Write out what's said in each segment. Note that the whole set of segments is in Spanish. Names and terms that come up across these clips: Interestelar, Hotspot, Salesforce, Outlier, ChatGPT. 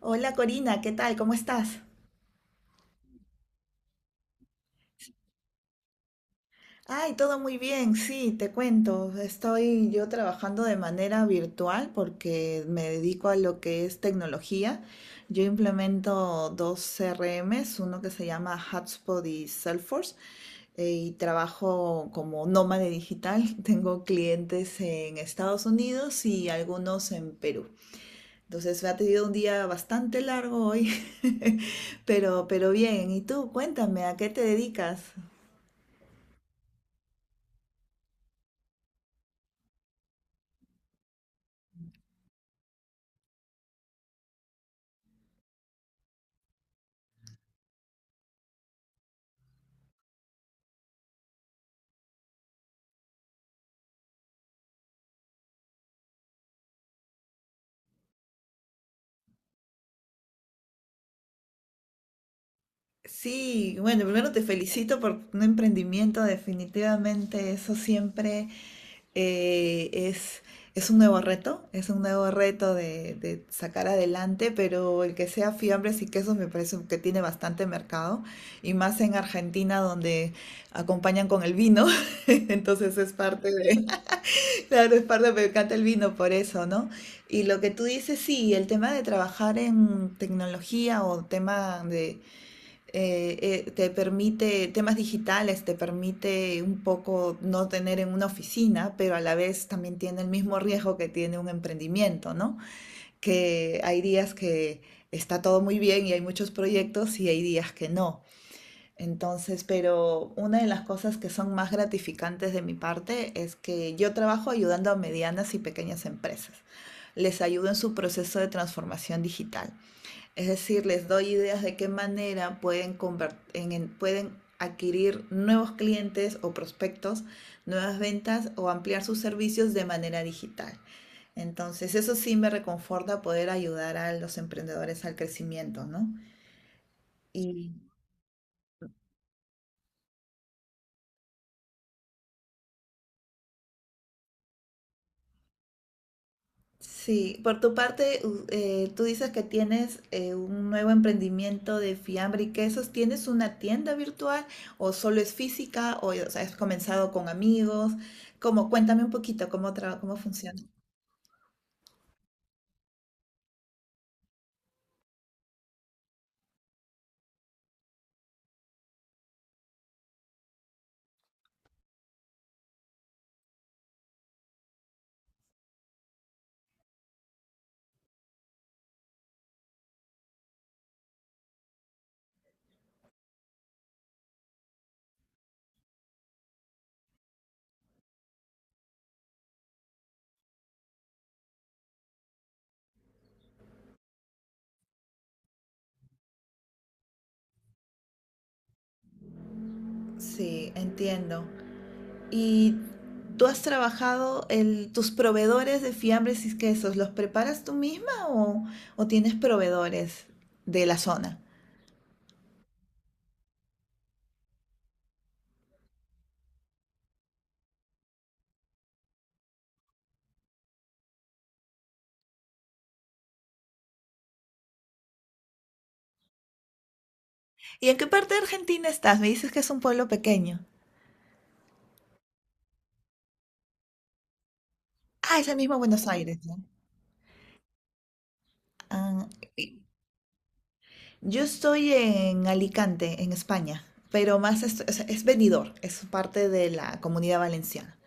Hola Corina, ¿qué tal? ¿Cómo estás? Ay, todo muy bien, sí, te cuento. Estoy yo trabajando de manera virtual porque me dedico a lo que es tecnología. Yo implemento dos CRMs, uno que se llama Hotspot y Salesforce, y trabajo como nómade digital. Tengo clientes en Estados Unidos y algunos en Perú. Entonces me ha tenido un día bastante largo hoy, pero bien. ¿Y tú? Cuéntame, ¿a qué te dedicas? Sí, bueno, primero te felicito por un emprendimiento, definitivamente eso siempre eh, es, es un nuevo reto, es un nuevo reto de sacar adelante, pero el que sea fiambres y quesos me parece que tiene bastante mercado, y más en Argentina donde acompañan con el vino, entonces es parte de, claro, es parte, me encanta el vino por eso, ¿no? Y lo que tú dices, sí, el tema de trabajar en tecnología o tema de eh, te permite temas digitales, te permite un poco no tener en una oficina, pero a la vez también tiene el mismo riesgo que tiene un emprendimiento, ¿no? Que hay días que está todo muy bien y hay muchos proyectos y hay días que no. Entonces, pero una de las cosas que son más gratificantes de mi parte es que yo trabajo ayudando a medianas y pequeñas empresas. Les ayudo en su proceso de transformación digital. Es decir, les doy ideas de qué manera pueden, pueden adquirir nuevos clientes o prospectos, nuevas ventas o ampliar sus servicios de manera digital. Entonces, eso sí me reconforta poder ayudar a los emprendedores al crecimiento, ¿no? Y Sí, por tu parte, tú dices que tienes un nuevo emprendimiento de fiambre y quesos. ¿Tienes una tienda virtual o solo es física o sea, has comenzado con amigos? ¿Cómo? Cuéntame un poquito cómo funciona. Sí, entiendo. ¿Y tú has trabajado tus proveedores de fiambres y quesos? ¿Los preparas tú misma o tienes proveedores de la zona? ¿Y en qué parte de Argentina estás? Me dices que es un pueblo pequeño. Ah, es el mismo Buenos Aires, ¿no? Ah, y- yo estoy en Alicante, en España, pero más est- o es, venidor, es parte de la comunidad valenciana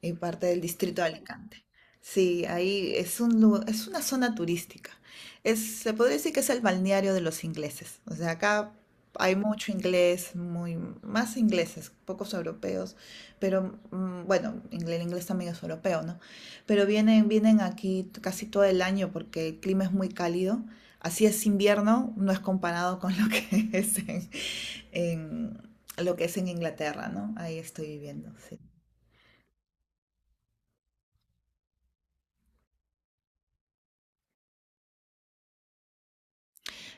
y parte del distrito de Alicante. Sí, ahí es es una zona turística. Es, se podría decir que es el balneario de los ingleses. O sea, acá hay mucho inglés, muy, más ingleses, pocos europeos, pero bueno, el inglés también es europeo, ¿no? Pero vienen aquí casi todo el año porque el clima es muy cálido. Así es invierno, no es comparado con lo que es en- lo que es en Inglaterra, ¿no? Ahí estoy viviendo, sí.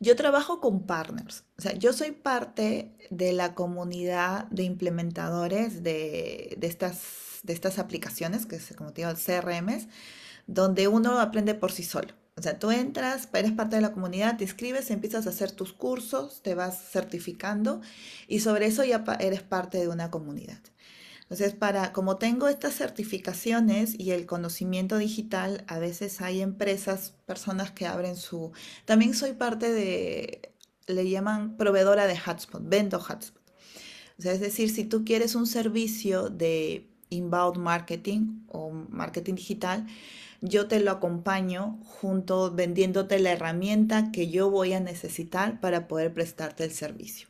Yo trabajo con partners, o sea, yo soy parte de la comunidad de implementadores de estas aplicaciones, que es como te digo, CRMs, donde uno aprende por sí solo. O sea, tú entras, eres parte de la comunidad, te inscribes, empiezas a hacer tus cursos, te vas certificando y sobre eso ya eres parte de una comunidad. Entonces, para, como tengo estas certificaciones y el conocimiento digital, a veces hay empresas, personas que abren su... También soy parte de, le llaman proveedora de hotspot, vendo hotspot. O sea, es decir, si tú quieres un servicio de inbound marketing o marketing digital, yo te lo acompaño junto vendiéndote la herramienta que yo voy a necesitar para poder prestarte el servicio.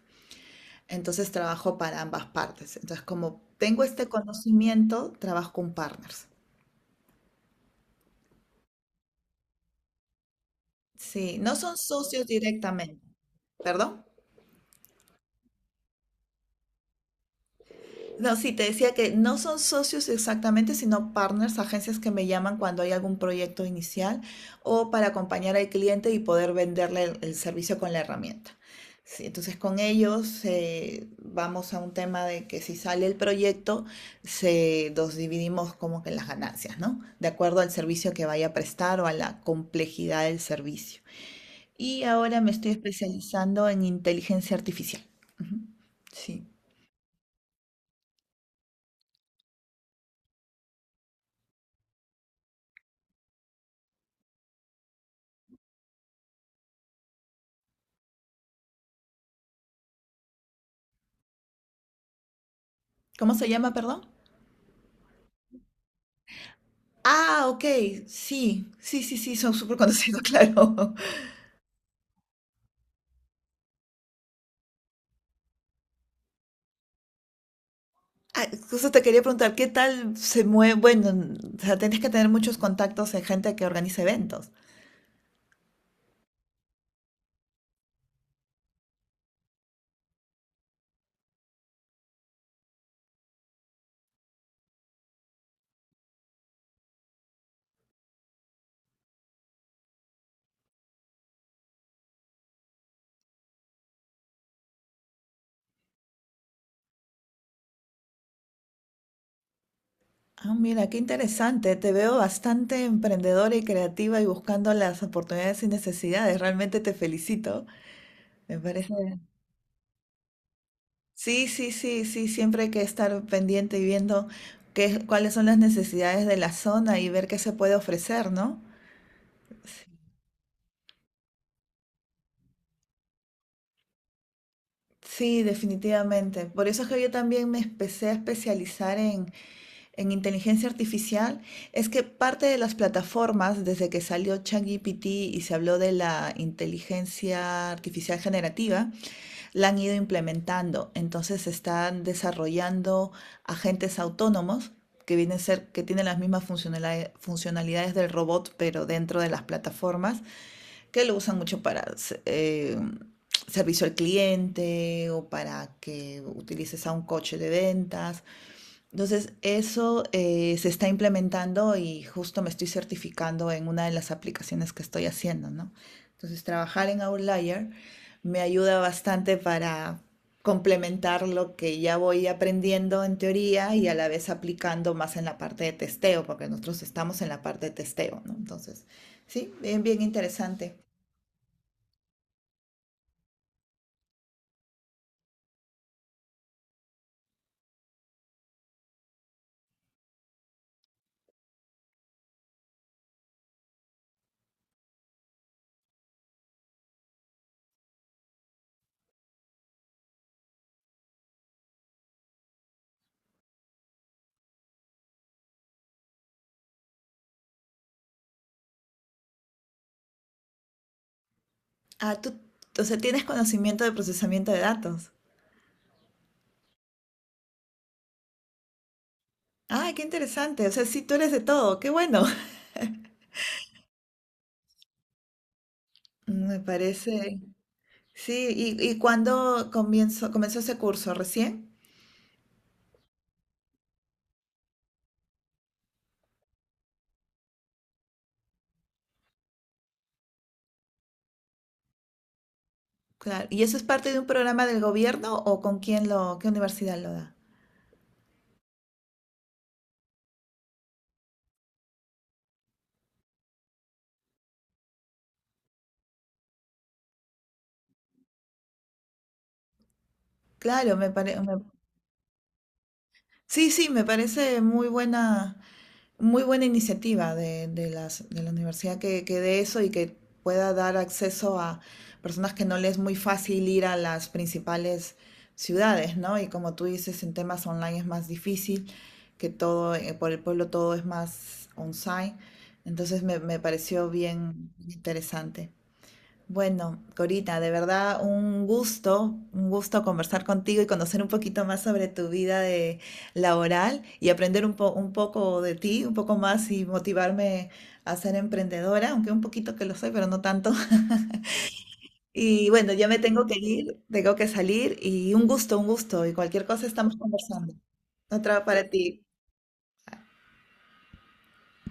Entonces trabajo para ambas partes. Entonces, como tengo este conocimiento, trabajo con partners. Sí, no son socios directamente. ¿Perdón? No, sí, te decía que no son socios exactamente, sino partners, agencias que me llaman cuando hay algún proyecto inicial o para acompañar al cliente y poder venderle el servicio con la herramienta. Sí, entonces con ellos vamos a un tema de que si sale el proyecto, se, nos dividimos como que las ganancias, ¿no? De acuerdo al servicio que vaya a prestar o a la complejidad del servicio. Y ahora me estoy especializando en inteligencia artificial. Ujú, sí. ¿Cómo se llama, perdón? Ah, ok, sí, sí, sí, sí, son súper conocidos, claro. Ah, justo te quería preguntar, ¿qué tal se mueve? Bueno, o sea, tienes que tener muchos contactos en gente que organiza eventos. Ah, mira, qué interesante. Te veo bastante emprendedora y creativa y buscando las oportunidades y necesidades. Realmente te felicito. Me parece. Sí, sí, sí, sí. Siempre hay que estar pendiente y viendo qué, cuáles son las necesidades de la zona y ver qué se puede ofrecer, ¿no? Sí. Sí, definitivamente. Por eso es que yo también me empecé a especializar en inteligencia artificial. Es que parte de las plataformas, desde que salió ChatGPT y se habló de la inteligencia artificial generativa, la han ido implementando. Entonces están desarrollando agentes autónomos que vienen a ser, que tienen las mismas funcionalidades, funcionalidades del robot, pero dentro de las plataformas que lo usan mucho para eh, servicio al cliente o para que utilices a un coche de ventas. Entonces, eso se está implementando y justo me estoy certificando en una de las aplicaciones que estoy haciendo, ¿no? Entonces, trabajar en Outlier me ayuda bastante para complementar lo que ya voy aprendiendo en teoría y a la vez aplicando más en la parte de testeo, porque nosotros estamos en la parte de testeo, ¿no? Entonces, sí, bien, bien interesante. Ah, tú, o sea, tienes conocimiento de procesamiento de datos. Ah, qué interesante. O sea, sí, tú eres de todo. Qué bueno. Me parece. Sí, ¿ y cuándo comenzó ese curso? ¿Recién? Claro. ¿Y eso es parte de un programa del gobierno o con quién lo, qué universidad lo da? Claro, me parece. Sí, sí, me parece muy buena. Muy buena iniciativa de la universidad que dé eso y que pueda dar acceso a personas que no les es muy fácil ir a las principales ciudades, ¿no? Y como tú dices, en temas online es más difícil, que todo, por el pueblo todo es más on-site. Entonces me pareció bien interesante. Bueno, Corita, de verdad un gusto conversar contigo y conocer un poquito más sobre tu vida de laboral y aprender un poco de ti, un poco más y motivarme a ser emprendedora, aunque un poquito que lo soy, pero no tanto. Y bueno, ya me tengo que ir, tengo que salir y un gusto y cualquier cosa estamos conversando. Otra para ti.